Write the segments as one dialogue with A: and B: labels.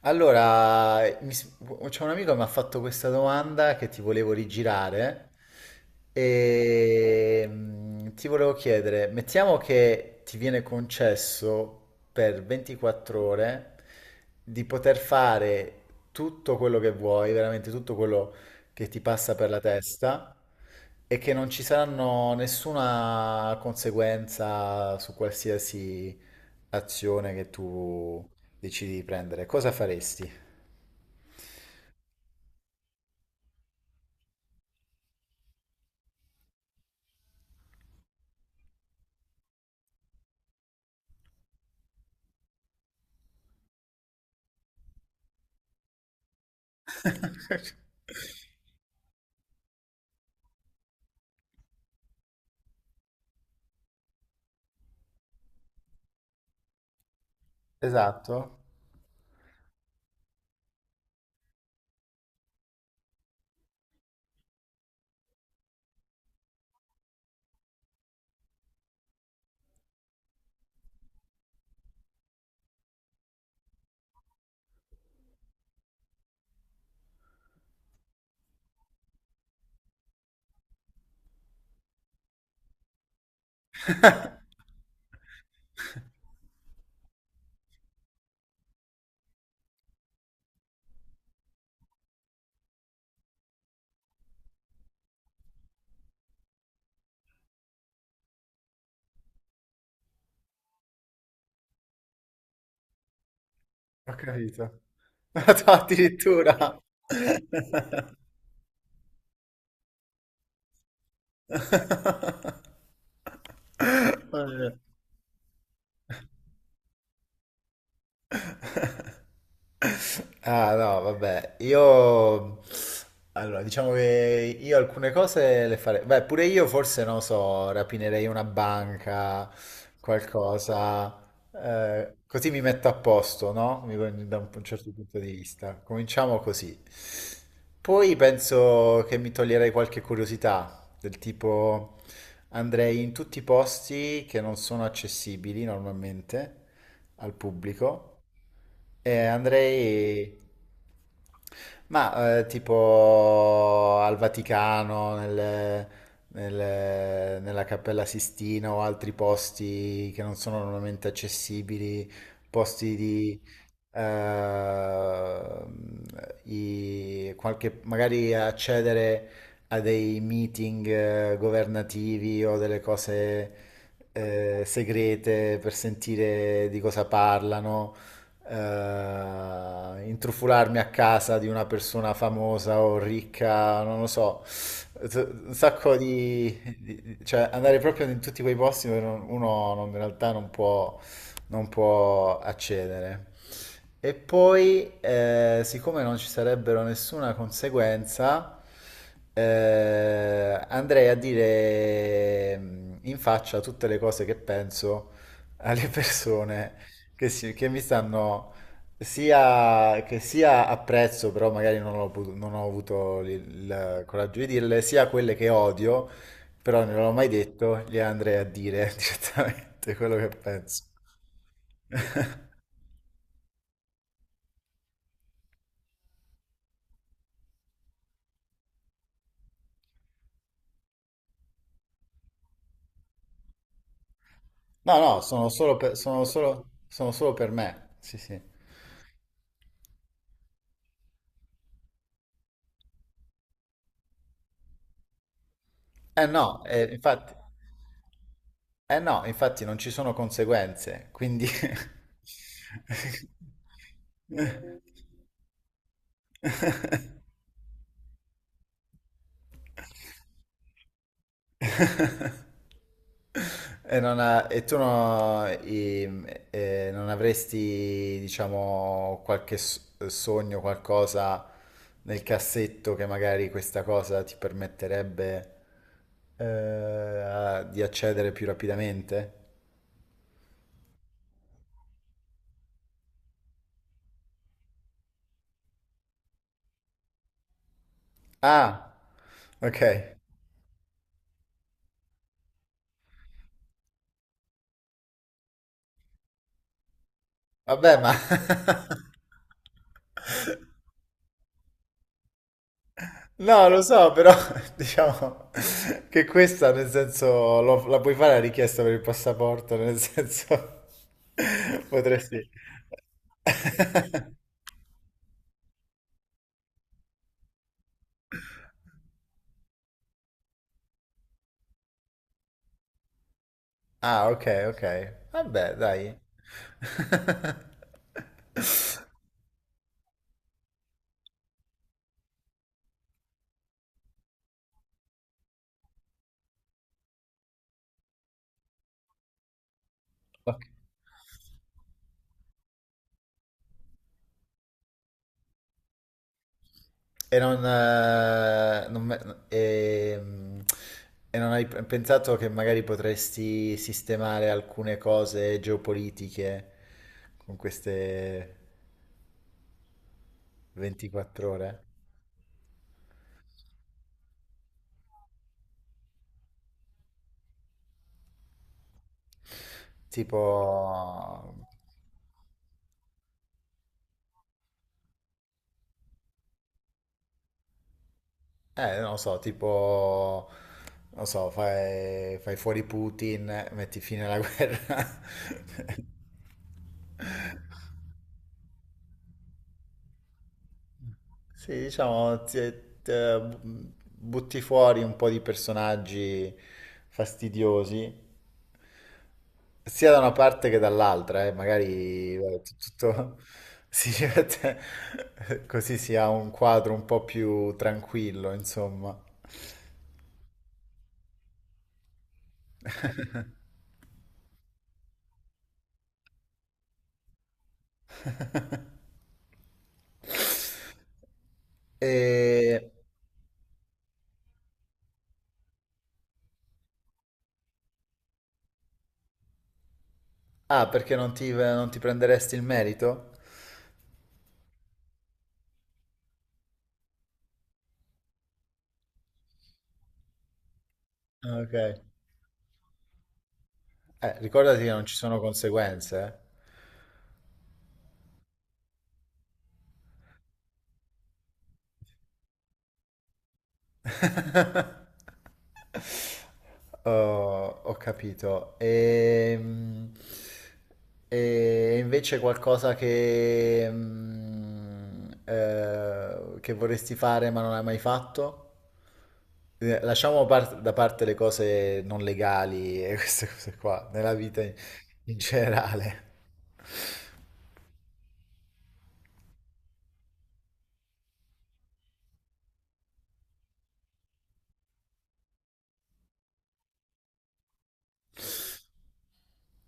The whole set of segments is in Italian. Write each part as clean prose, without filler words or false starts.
A: Allora, c'è un amico che mi ha fatto questa domanda che ti volevo rigirare e ti volevo chiedere, mettiamo che ti viene concesso per 24 ore di poter fare tutto quello che vuoi, veramente tutto quello che ti passa per la testa e che non ci saranno nessuna conseguenza su qualsiasi azione che tu decidi di prendere, cosa faresti? Esatto. Ho capito. Addirittura. Vabbè. Ah no, vabbè, io allora diciamo che io alcune cose le farei, beh pure io forse non so, rapinerei una banca, qualcosa, così mi metto a posto, no? Da un certo punto di vista. Cominciamo così. Poi penso che mi toglierei qualche curiosità, del tipo andrei in tutti i posti che non sono accessibili normalmente al pubblico. Andrei, ma tipo al Vaticano, nella Cappella Sistina o altri posti che non sono normalmente accessibili, posti di eh, qualche, magari accedere a dei meeting governativi o delle cose segrete per sentire di cosa parlano, intrufolarmi a casa di una persona famosa o ricca, non lo so, t- un sacco di, cioè andare proprio in tutti quei posti dove uno in realtà non può, non può accedere. E poi, siccome non ci sarebbero nessuna conseguenza, andrei a dire in faccia tutte le cose che penso alle persone che, che mi stanno sia, che sia apprezzo, però magari non ho, non ho avuto il coraggio di dirle, sia quelle che odio, però non l'ho mai detto, le andrei a dire direttamente quello che penso. No, no, sono solo per me. Sì, sì. Eh no, infatti, eh no, infatti non ci sono conseguenze, quindi... E, non ha- e tu non avresti, diciamo, sogno, qualcosa nel cassetto che magari questa cosa ti permetterebbe di accedere più rapidamente? Ah, ok. Vabbè, ma... No, lo so, però diciamo che questa, nel senso, la puoi fare la richiesta per il passaporto, nel senso, potresti... Ah, ok, ok. Vabbè, dai. Ok. E non, ehm, e non hai pensato che magari potresti sistemare alcune cose geopolitiche con queste 24 ore? Tipo, non lo so, tipo, non lo so, fai, fai fuori Putin, metti fine alla guerra. Sì, diciamo, butti fuori un po' di personaggi fastidiosi, sia da una parte che dall'altra, magari vabbè, tutto si mette- così si ha un quadro un po' più tranquillo, insomma. E... Ah, perché non ti, non ti prenderesti il merito? Ah, ok. Ricordati che non ci sono conseguenze. Eh. Oh, ho capito. E, invece qualcosa che, che vorresti fare ma non hai mai fatto? Lasciamo da parte le cose non legali e queste cose qua, nella vita in in generale.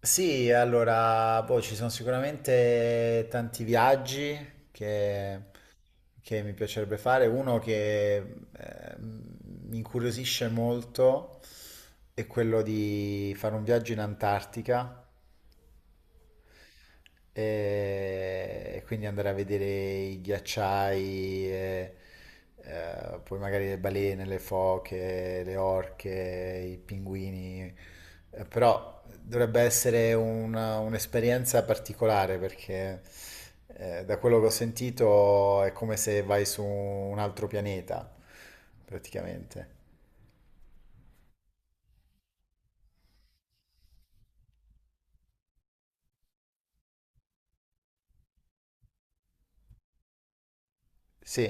A: Sì, allora, boh, ci sono sicuramente tanti viaggi che, che mi piacerebbe fare. Uno che mi incuriosisce molto è quello di fare un viaggio in Antartica. E quindi andare a vedere i ghiacciai, e, poi magari le balene, le foche, le orche, i pinguini. Però dovrebbe essere un'esperienza particolare perché da quello che ho sentito è come se vai su un altro pianeta, praticamente. Sì,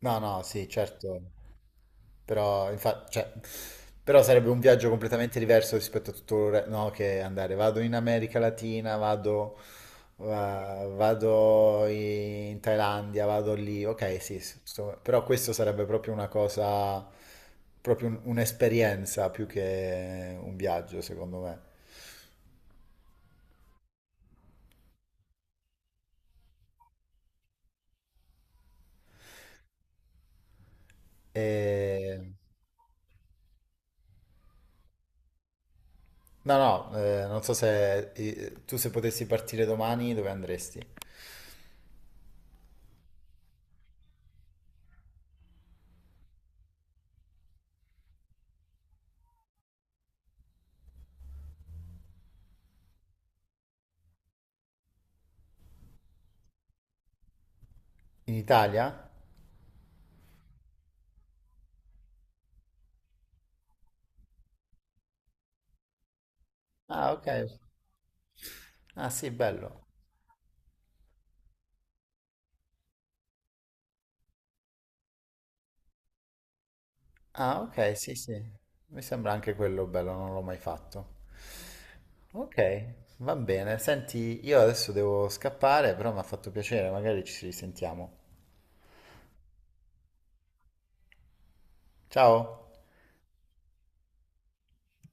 A: no, no, sì, certo. Però, infatti, cioè, però sarebbe un viaggio completamente diverso rispetto a tutto il no, che andare. Vado in America Latina, vado, vado in Thailandia, vado lì. Ok, sì, sì, però questo sarebbe proprio una cosa, proprio un'esperienza più che un viaggio, secondo me. E... No, no, non so se tu se potessi partire domani, dove andresti? In Italia? Ah, ok. Ah, sì, bello. Ah, ok, sì, sì. Mi sembra anche quello bello, non l'ho mai fatto. Ok, va bene. Senti, io adesso devo scappare, però mi ha fatto piacere, magari ci risentiamo. Ciao!